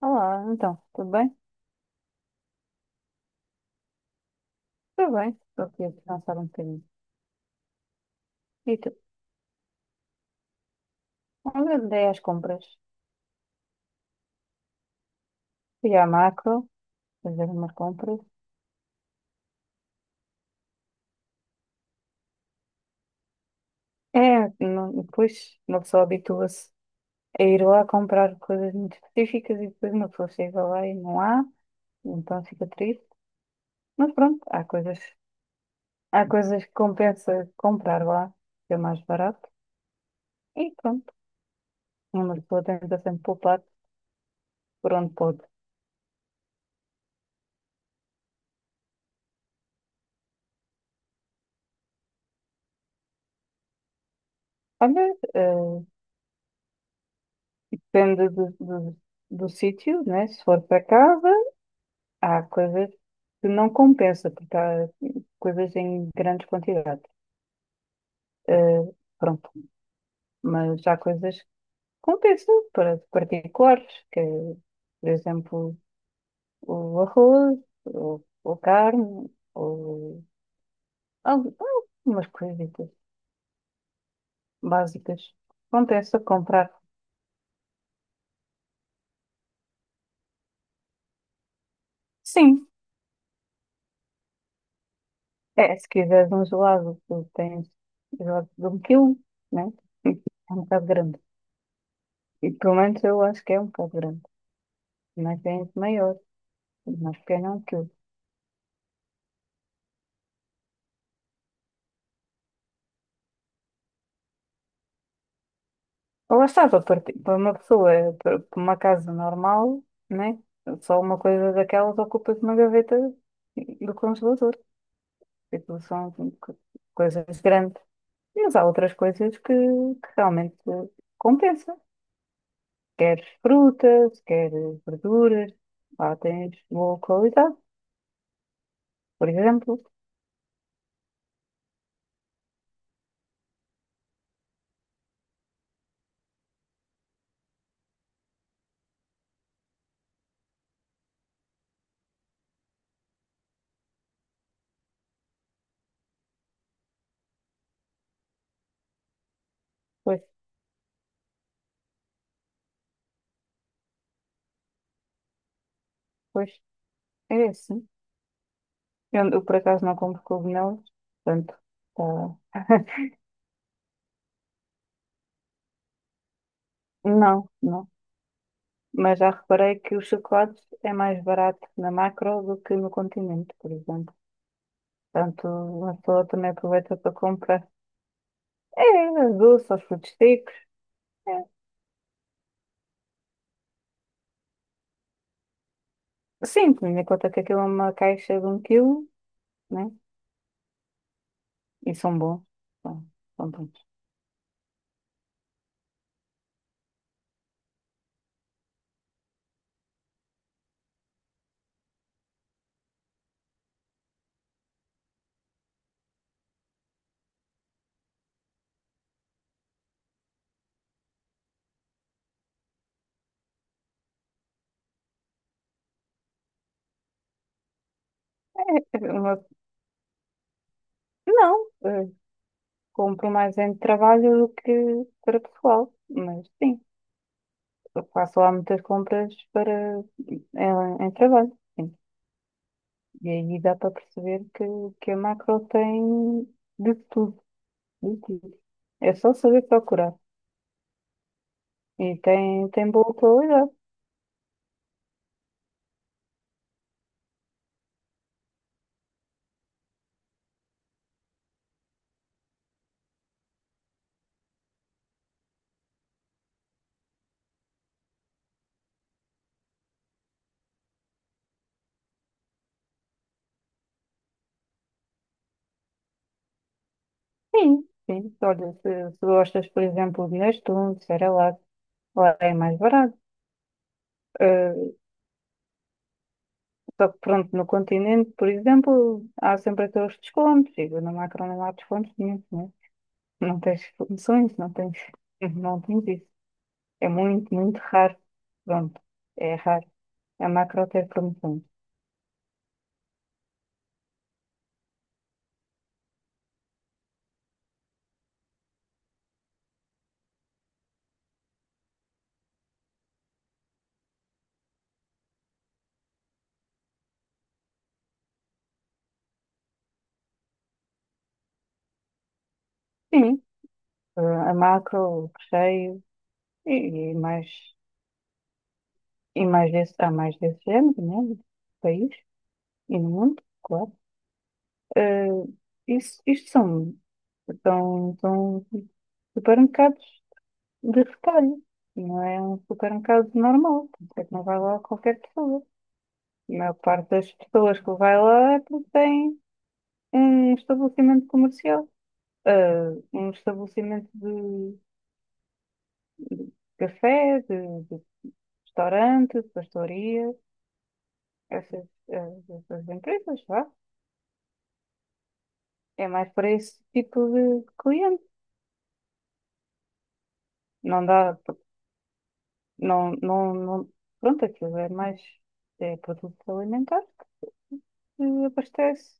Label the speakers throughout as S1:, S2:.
S1: Olá, então, tudo bem? Tudo bem, estou aqui a descansar um bocadinho. E tu? Onde andei às compras? Fui à macro, fazer umas compras. Depois uma pessoa habitua-se a ir lá comprar coisas muito específicas e depois uma pessoa chega lá e não há, então fica triste. Mas pronto, há coisas que compensa comprar lá, que é mais barato. E pronto, uma pessoa tenta sempre poupar por onde pode. Olha, depende do sítio, né? Se for para casa. Há coisas que não compensa, porque há coisas em grandes quantidades. Eh, Pronto. Mas há coisas que compensam para particulares, que é, por exemplo, o arroz, ou carne, ou al- algumas coisitas básicas. Compensa comprar. Sim, é, se quiseres um gelado, tu tens gelado de 1 kg, né? É um bocado grande. E pelo menos eu acho que é um bocado grande. Mas tem maior. Mas que é não que eu- Lá está, para uma pessoa, para uma casa normal, né? Só uma coisa daquelas ocupa uma gaveta do congelador. Tipo, são co- coisas grandes. Mas há outras coisas que, realmente compensa. Queres frutas, queres verduras, lá tens boa qualidade, por exemplo. Pois, pois é assim. Por acaso, não compro cogumelos, portanto, tá. Não, não. Mas já reparei que o chocolate é mais barato na Macro do que no Continente, por exemplo. Portanto, uma pessoa também aproveita para comprar. É, doce, aos frutos secos. É. Sim, tendo em conta que aquilo é uma caixa de 1 kg, né? E são bons. São, são bons. É uma- Não, compro mais em trabalho do que para pessoal. Mas sim, eu faço lá muitas compras para em, em trabalho. Sim. E aí dá para perceber que a macro tem de tudo, de tudo. É só saber procurar. E tem boa qualidade. Sim, sim. Olha, se gostas, por exemplo, de Nestum, de Cerelac, lá é mais barato. Eh, Só que pronto, no continente, por exemplo, há sempre aqueles descontos. E na macro não há descontos nenhum, né? Não tens promoções, não tens, não tens isso. É muito, muito raro. Pronto, é raro. A macro tem promoções. Sim, eh, a macro, o recheio e, e mais e mais desse, há mais desse género, né? No país e no mundo, claro. Eh, isso, Isto são supermercados de retalho, não é um supermercado normal, portanto é que não vai lá qualquer pessoa. A maior parte das pessoas que vai lá é porque tem um estabelecimento comercial, eh, um estabelecimento de café, de restaurante, de pastoria, essas, essas empresas, vá. É mais para esse tipo de cliente. Não dá, não, não, não, pronto, aquilo é mais, é produto alimentar que abastece.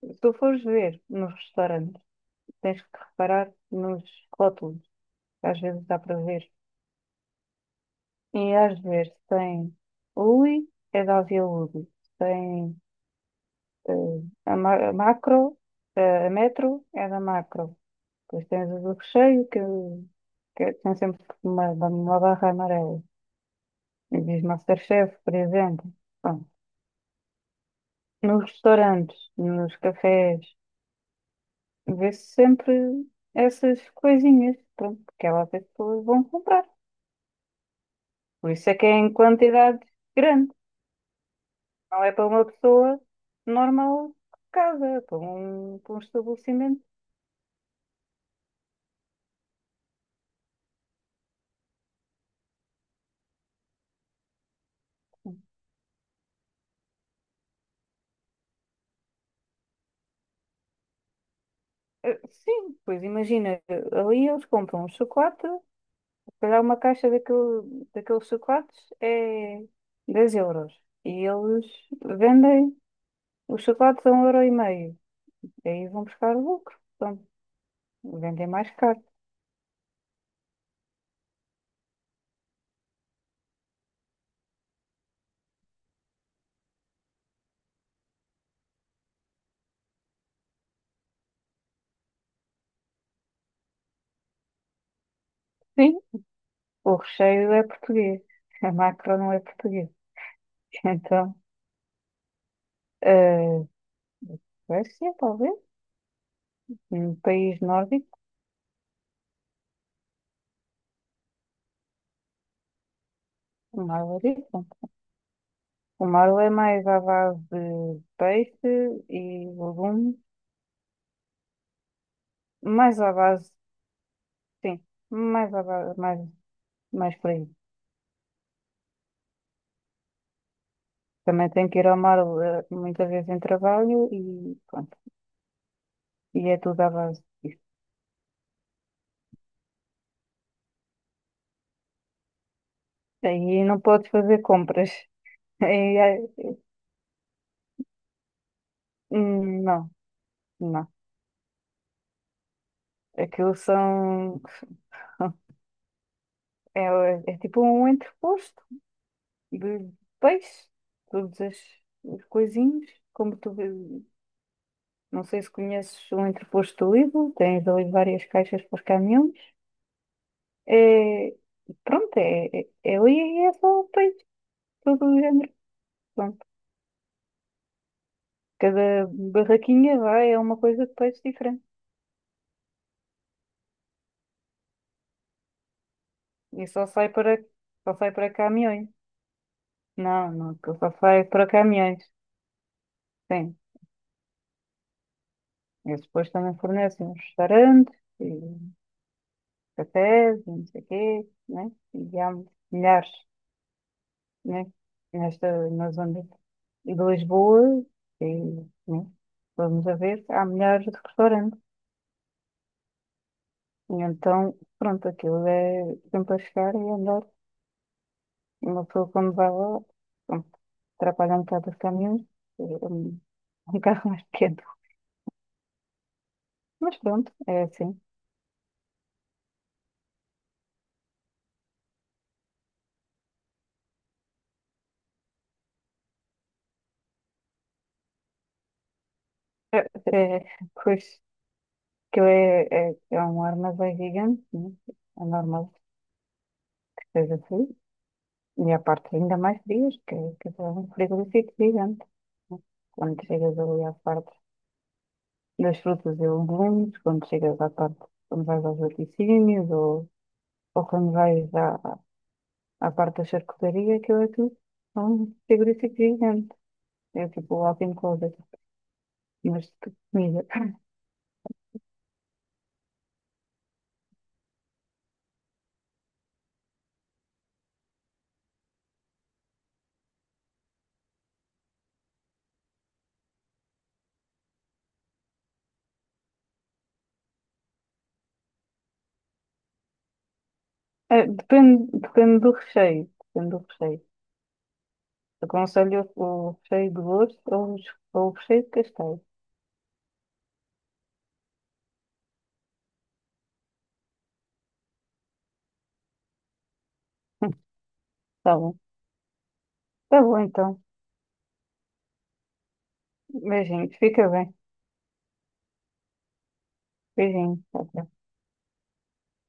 S1: Se tu fores ver nos restaurantes, tens que reparar nos rótulos, que às vezes dá para ver. E às vezes tem Uli, é da Via Uli. Tem eh, a Macro. A Metro é da Macro. Depois tens o do recheio, que tem sempre uma barra amarela. E diz Masterchef, por exemplo. Bom, nos restaurantes, nos cafés, vê-se sempre essas coisinhas, pronto, que é as pessoas vão comprar. Por isso é que é em quantidade grande. Não é para uma pessoa normal de casa, é para um estabelecimento. Sim, pois imagina, ali eles compram um chocolate, calhar uma caixa daqueles chocolates é 10 euros. E eles vendem os chocolates a um euro e meio. Aí vão buscar o lucro. Pronto, vendem mais caro. Sim, o recheio é português. A macro não é português. Então, eh, Suécia, talvez. Um país nórdico. O Marlo é diferente. O Marlo é mais à base de peixe e legumes. Mais à base, sim, mais à base, mais por aí. Também tenho que ir ao mar muitas vezes em trabalho e pronto. E é tudo à base disso. Aí não podes fazer compras. Aí, não, não. Aquilo são. É tipo um entreposto de peixe. Todos as, os coisinhos. Como tu. Não sei se conheces o entreposto do Lidl. Tens ali várias caixas para os caminhões. É, pronto, é ali e é só peixe. Todo o género. Cada barraquinha vai, é uma coisa de peixe diferente. E só sai para, só sai para caminhões. Não, não, aquilo só sai para caminhões. Sim. Eles depois também fornecem os restaurantes e cafés e não sei o quê, né? E há milhares, né? Na zona de Lisboa, e, né? Vamos a ver, há milhares de restaurantes. E então, pronto, aquilo é sempre a chegar e a andar. E uma pessoa quando vai lá atrapalha um bocado os caminhões, eh, um, um carro mais pequeno. Mas pronto, é assim. É, é, Pois, que é um armazém gigante, né? É normal que seja assim. E a parte ainda mais frias, que é um frigorífico gigante, né? Quando chegas ali à parte das frutas e legumes, quando chegas à parte, quando vais aos laticínios, ou quando vais à parte da charcutaria, aquilo é tudo um frigorífico gigante. É tipo o walk-in closet. Mas de comida. Depende do recheio. Depende do recheio. Aconselho o recheio de osso ou o recheio de castanho. Tá bom. Tá bom então. Beijinhos. Fica bem. Beijinhos. Tchau, tchau.